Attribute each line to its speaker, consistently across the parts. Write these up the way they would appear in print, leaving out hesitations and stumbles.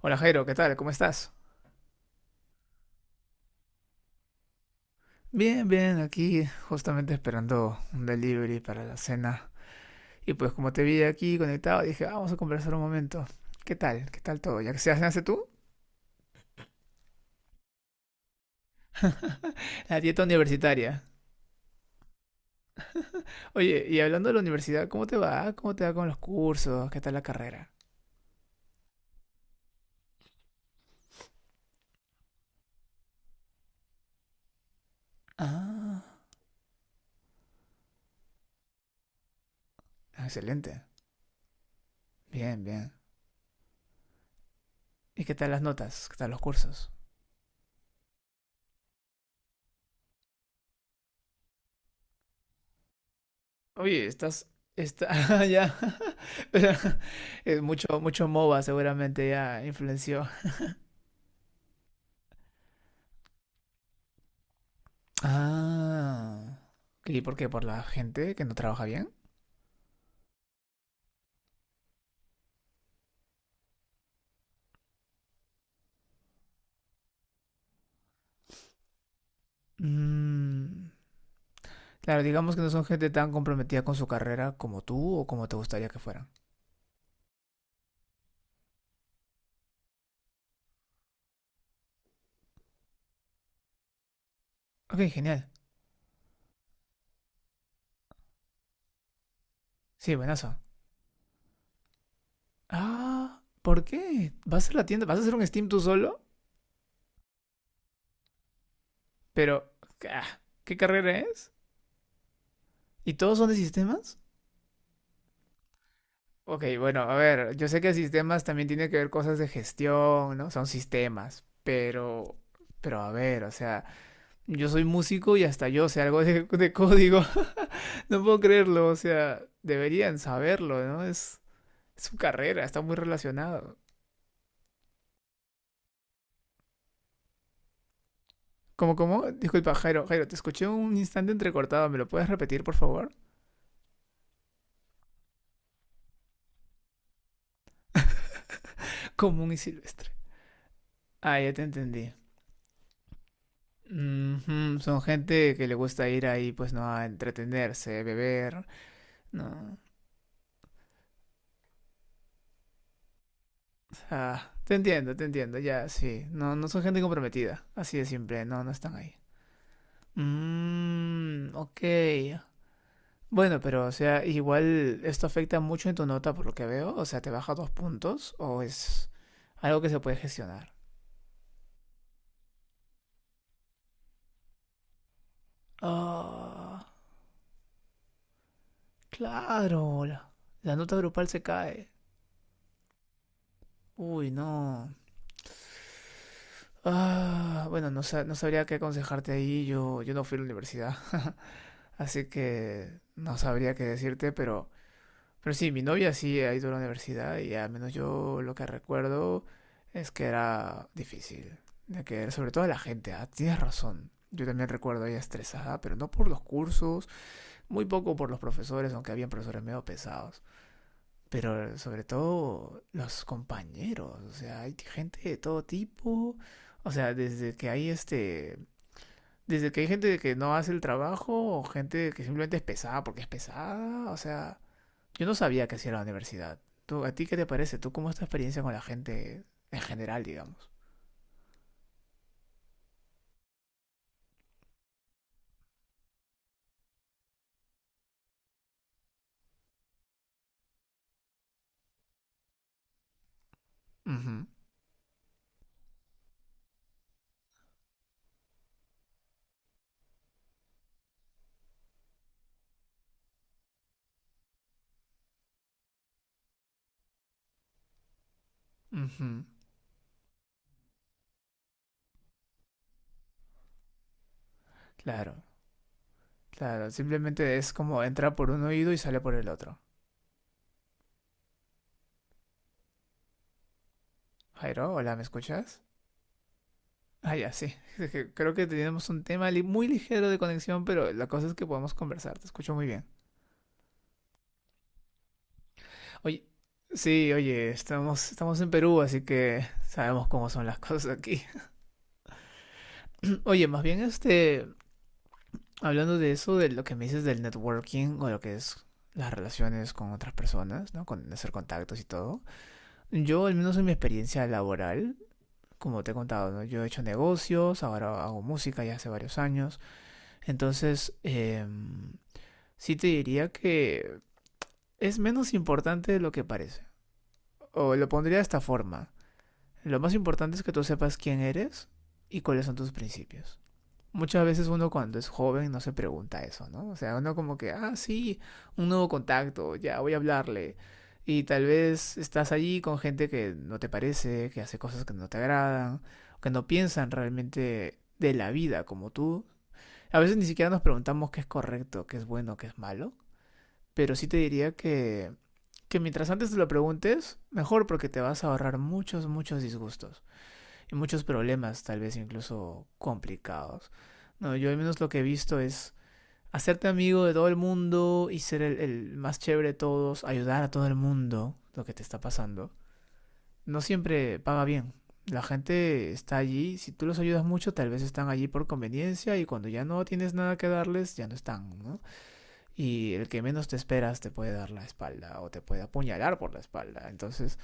Speaker 1: Hola, Jairo, ¿qué tal? ¿Cómo estás? Bien, bien, aquí justamente esperando un delivery para la cena. Y pues como te vi aquí conectado, dije, "Ah, vamos a conversar un momento. ¿Qué tal? ¿Qué tal todo? ¿Ya que se hace tú?" La dieta universitaria. Oye, y hablando de la universidad, ¿cómo te va? ¿Cómo te va con los cursos? ¿Qué tal la carrera? Ah, excelente. Bien, bien. ¿Y qué tal las notas? ¿Qué tal los cursos? Oye, estás... Está, ya. Es mucho, mucho MOBA seguramente ya influenció. Ah. ¿Y por qué? ¿Por la gente que no trabaja bien? Mm, claro, digamos que no son gente tan comprometida con su carrera como tú o como te gustaría que fueran. Ok, genial. Sí, buenazo. Ah, ¿por qué? ¿Vas a la tienda? ¿Vas a hacer un Steam tú solo? Pero, ah, ¿qué carrera es? ¿Y todos son de sistemas? Ok, bueno, a ver, yo sé que sistemas también tiene que ver cosas de gestión, ¿no? Son sistemas, pero a ver, o sea, yo soy músico y hasta yo sé algo de código. No puedo creerlo, o sea, deberían saberlo, ¿no? Es su carrera, está muy relacionado. ¿Cómo? ¿Cómo? Disculpa, Jairo, te escuché un instante entrecortado, ¿me lo puedes repetir, por favor? Común y silvestre. Ah, ya te entendí. Mm -hmm, son gente que le gusta ir ahí, pues no, a entretenerse, beber, no. Ah, te entiendo, ya, sí. No, no son gente comprometida, así de simple, no, no están ahí. Mmm, ok. Bueno, pero o sea, igual esto afecta mucho en tu nota por lo que veo. O sea, ¿te baja dos puntos o es algo que se puede gestionar? Ah, claro. La nota grupal se cae. Uy, no. Ah, bueno, no, no sabría qué aconsejarte ahí. Yo no fui a la universidad. Así que no sabría qué decirte, pero sí, mi novia sí ha ido a la universidad y al menos yo lo que recuerdo es que era difícil. De que, sobre todo la gente, ah, tienes razón. Yo también recuerdo a ella estresada, pero no por los cursos, muy poco por los profesores, aunque habían profesores medio pesados. Pero sobre todo los compañeros, o sea, hay gente de todo tipo. O sea, desde que hay gente que no hace el trabajo o gente que simplemente es pesada porque es pesada, o sea, yo no sabía que hacía la universidad. ¿A ti qué te parece? ¿Tú cómo es tu experiencia con la gente en general, digamos? Ujú, ujú. Claro, claro. Simplemente es como entra por un oído y sale por el otro. Jairo, hola, ¿me escuchas? Ah, ya, sí. Es que creo que tenemos un tema muy ligero de conexión, pero la cosa es que podemos conversar. Te escucho muy bien. Oye, sí, oye, estamos en Perú, así que sabemos cómo son las cosas aquí. Oye, más bien este, hablando de eso, de lo que me dices del networking o lo que es las relaciones con otras personas, ¿no? Con hacer contactos y todo. Yo, al menos en mi experiencia laboral, como te he contado, ¿no? Yo he hecho negocios, ahora hago música ya hace varios años. Entonces, sí te diría que es menos importante de lo que parece. O lo pondría de esta forma. Lo más importante es que tú sepas quién eres y cuáles son tus principios. Muchas veces uno cuando es joven no se pregunta eso, ¿no? O sea, uno como que, ah, sí, un nuevo contacto, ya voy a hablarle. Y tal vez estás allí con gente que no te parece, que hace cosas que no te agradan, que no piensan realmente de la vida como tú. A veces ni siquiera nos preguntamos qué es correcto, qué es bueno, qué es malo. Pero sí te diría que mientras antes te lo preguntes, mejor porque te vas a ahorrar muchos, muchos disgustos y muchos problemas, tal vez incluso complicados. No, yo al menos lo que he visto es hacerte amigo de todo el mundo y ser el más chévere de todos, ayudar a todo el mundo lo que te está pasando. No siempre paga bien. La gente está allí, si tú los ayudas mucho, tal vez están allí por conveniencia y cuando ya no tienes nada que darles, ya no están, ¿no? Y el que menos te esperas te puede dar la espalda o te puede apuñalar por la espalda. Entonces,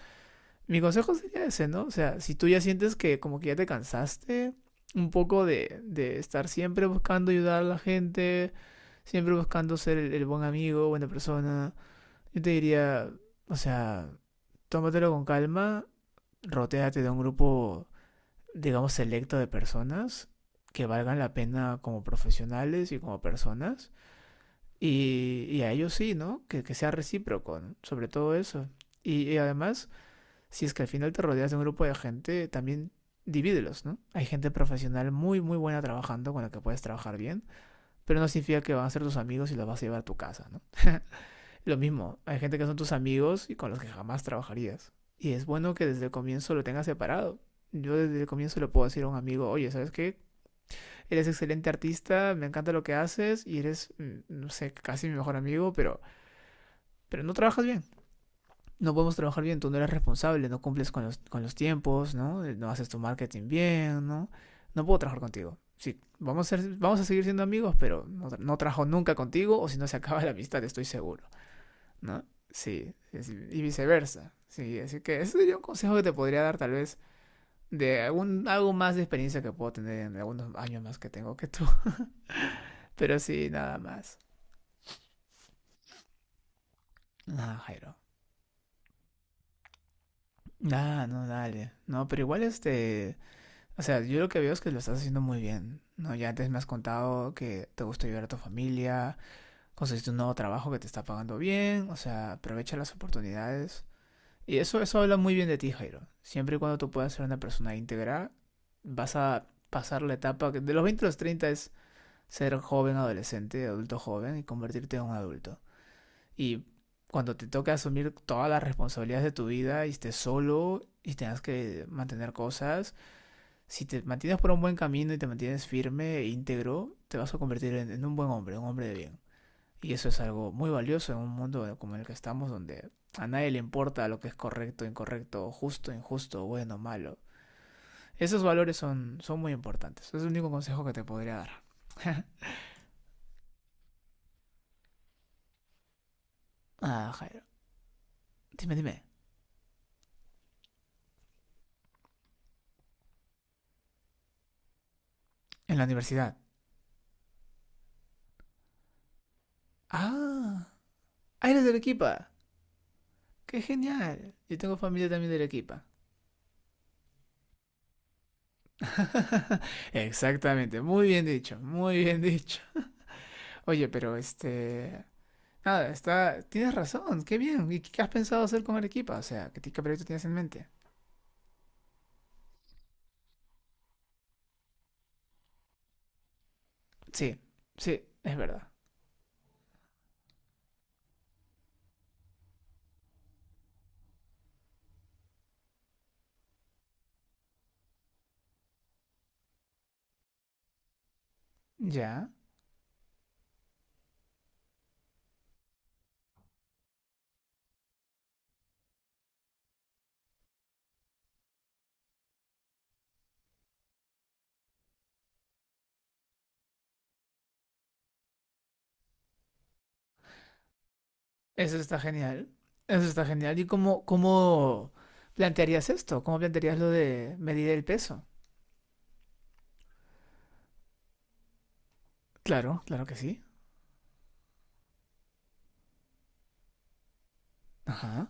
Speaker 1: mi consejo sería ese, ¿no? O sea, si tú ya sientes que como que ya te cansaste un poco de estar siempre buscando ayudar a la gente, siempre buscando ser el buen amigo, buena persona, yo te diría, o sea, tómatelo con calma, rotéate de un grupo, digamos, selecto de personas que valgan la pena como profesionales y como personas. Y a ellos sí, ¿no? Que sea recíproco, ¿no? Sobre todo eso. Y además, si es que al final te rodeas de un grupo de gente, también divídelos, ¿no? Hay gente profesional muy, muy buena trabajando con la que puedes trabajar bien, pero no significa que van a ser tus amigos y los vas a llevar a tu casa, ¿no? Lo mismo, hay gente que son tus amigos y con los que jamás trabajarías. Y es bueno que desde el comienzo lo tengas separado. Yo desde el comienzo le puedo decir a un amigo, oye, ¿sabes qué? Eres excelente artista, me encanta lo que haces y eres, mm, no sé, casi mi mejor amigo, pero no trabajas bien. No podemos trabajar bien, tú no eres responsable, no cumples con los tiempos, ¿no? No haces tu marketing bien, ¿no? No puedo trabajar contigo. Sí, vamos a seguir siendo amigos, pero no, no trabajo nunca contigo o si no se acaba la amistad, estoy seguro, ¿no? Sí, sí, y viceversa. Sí, así que ese sería un consejo que te podría dar tal vez de algún, algo más de experiencia que puedo tener en algunos años más que tengo que tú. Pero sí, nada más. Nada, Jairo. Nada, no, dale. No, pero igual este... O sea, yo lo que veo es que lo estás haciendo muy bien, ¿no? Ya antes me has contado que te gusta ayudar a tu familia, conseguiste un nuevo trabajo que te está pagando bien, o sea, aprovecha las oportunidades. Y eso habla muy bien de ti, Jairo. Siempre y cuando tú puedas ser una persona íntegra, vas a pasar la etapa que de los 20 a los 30 es ser joven, adolescente, adulto joven y convertirte en un adulto. Y cuando te toque asumir todas las responsabilidades de tu vida y estés solo y tengas que mantener cosas, si te mantienes por un buen camino y te mantienes firme e íntegro, te vas a convertir en un buen hombre, un hombre de bien. Y eso es algo muy valioso en un mundo como el que estamos, donde a nadie le importa lo que es correcto, incorrecto, justo, injusto, bueno, malo. Esos valores son muy importantes. Es el único consejo que te podría dar. Ah, Jairo. Dime, dime. En la universidad. Ah, ah, eres de Arequipa. ¡Qué genial! Yo tengo familia también de Arequipa. Exactamente, muy bien dicho, muy bien dicho. Oye, pero este... Ah, está, tienes razón, qué bien. ¿Y qué has pensado hacer con Arequipa? O sea, ¿qué, qué proyecto tienes en mente? Sí, sí, es verdad. Ya, eso está genial. Eso está genial. ¿Y cómo, cómo plantearías esto? ¿Cómo plantearías lo de medir el peso? Claro, claro que sí. Ajá.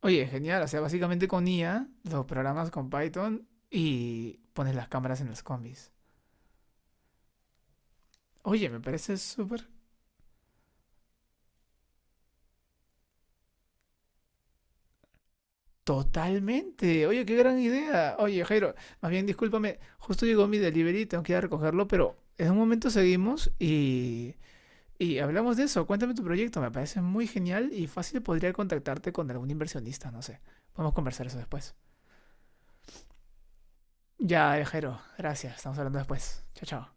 Speaker 1: Oye, genial. O sea, básicamente con IA, los programas con Python y pones las cámaras en los combis. Oye, me parece súper totalmente. Oye, qué gran idea. Oye, Jairo, más bien discúlpame, justo llegó mi delivery, tengo que ir a recogerlo, pero en un momento seguimos y hablamos de eso. Cuéntame tu proyecto, me parece muy genial y fácil podría contactarte con algún inversionista, no sé. Podemos conversar eso después. Ya, Jairo, gracias. Estamos hablando después. Chao, chao.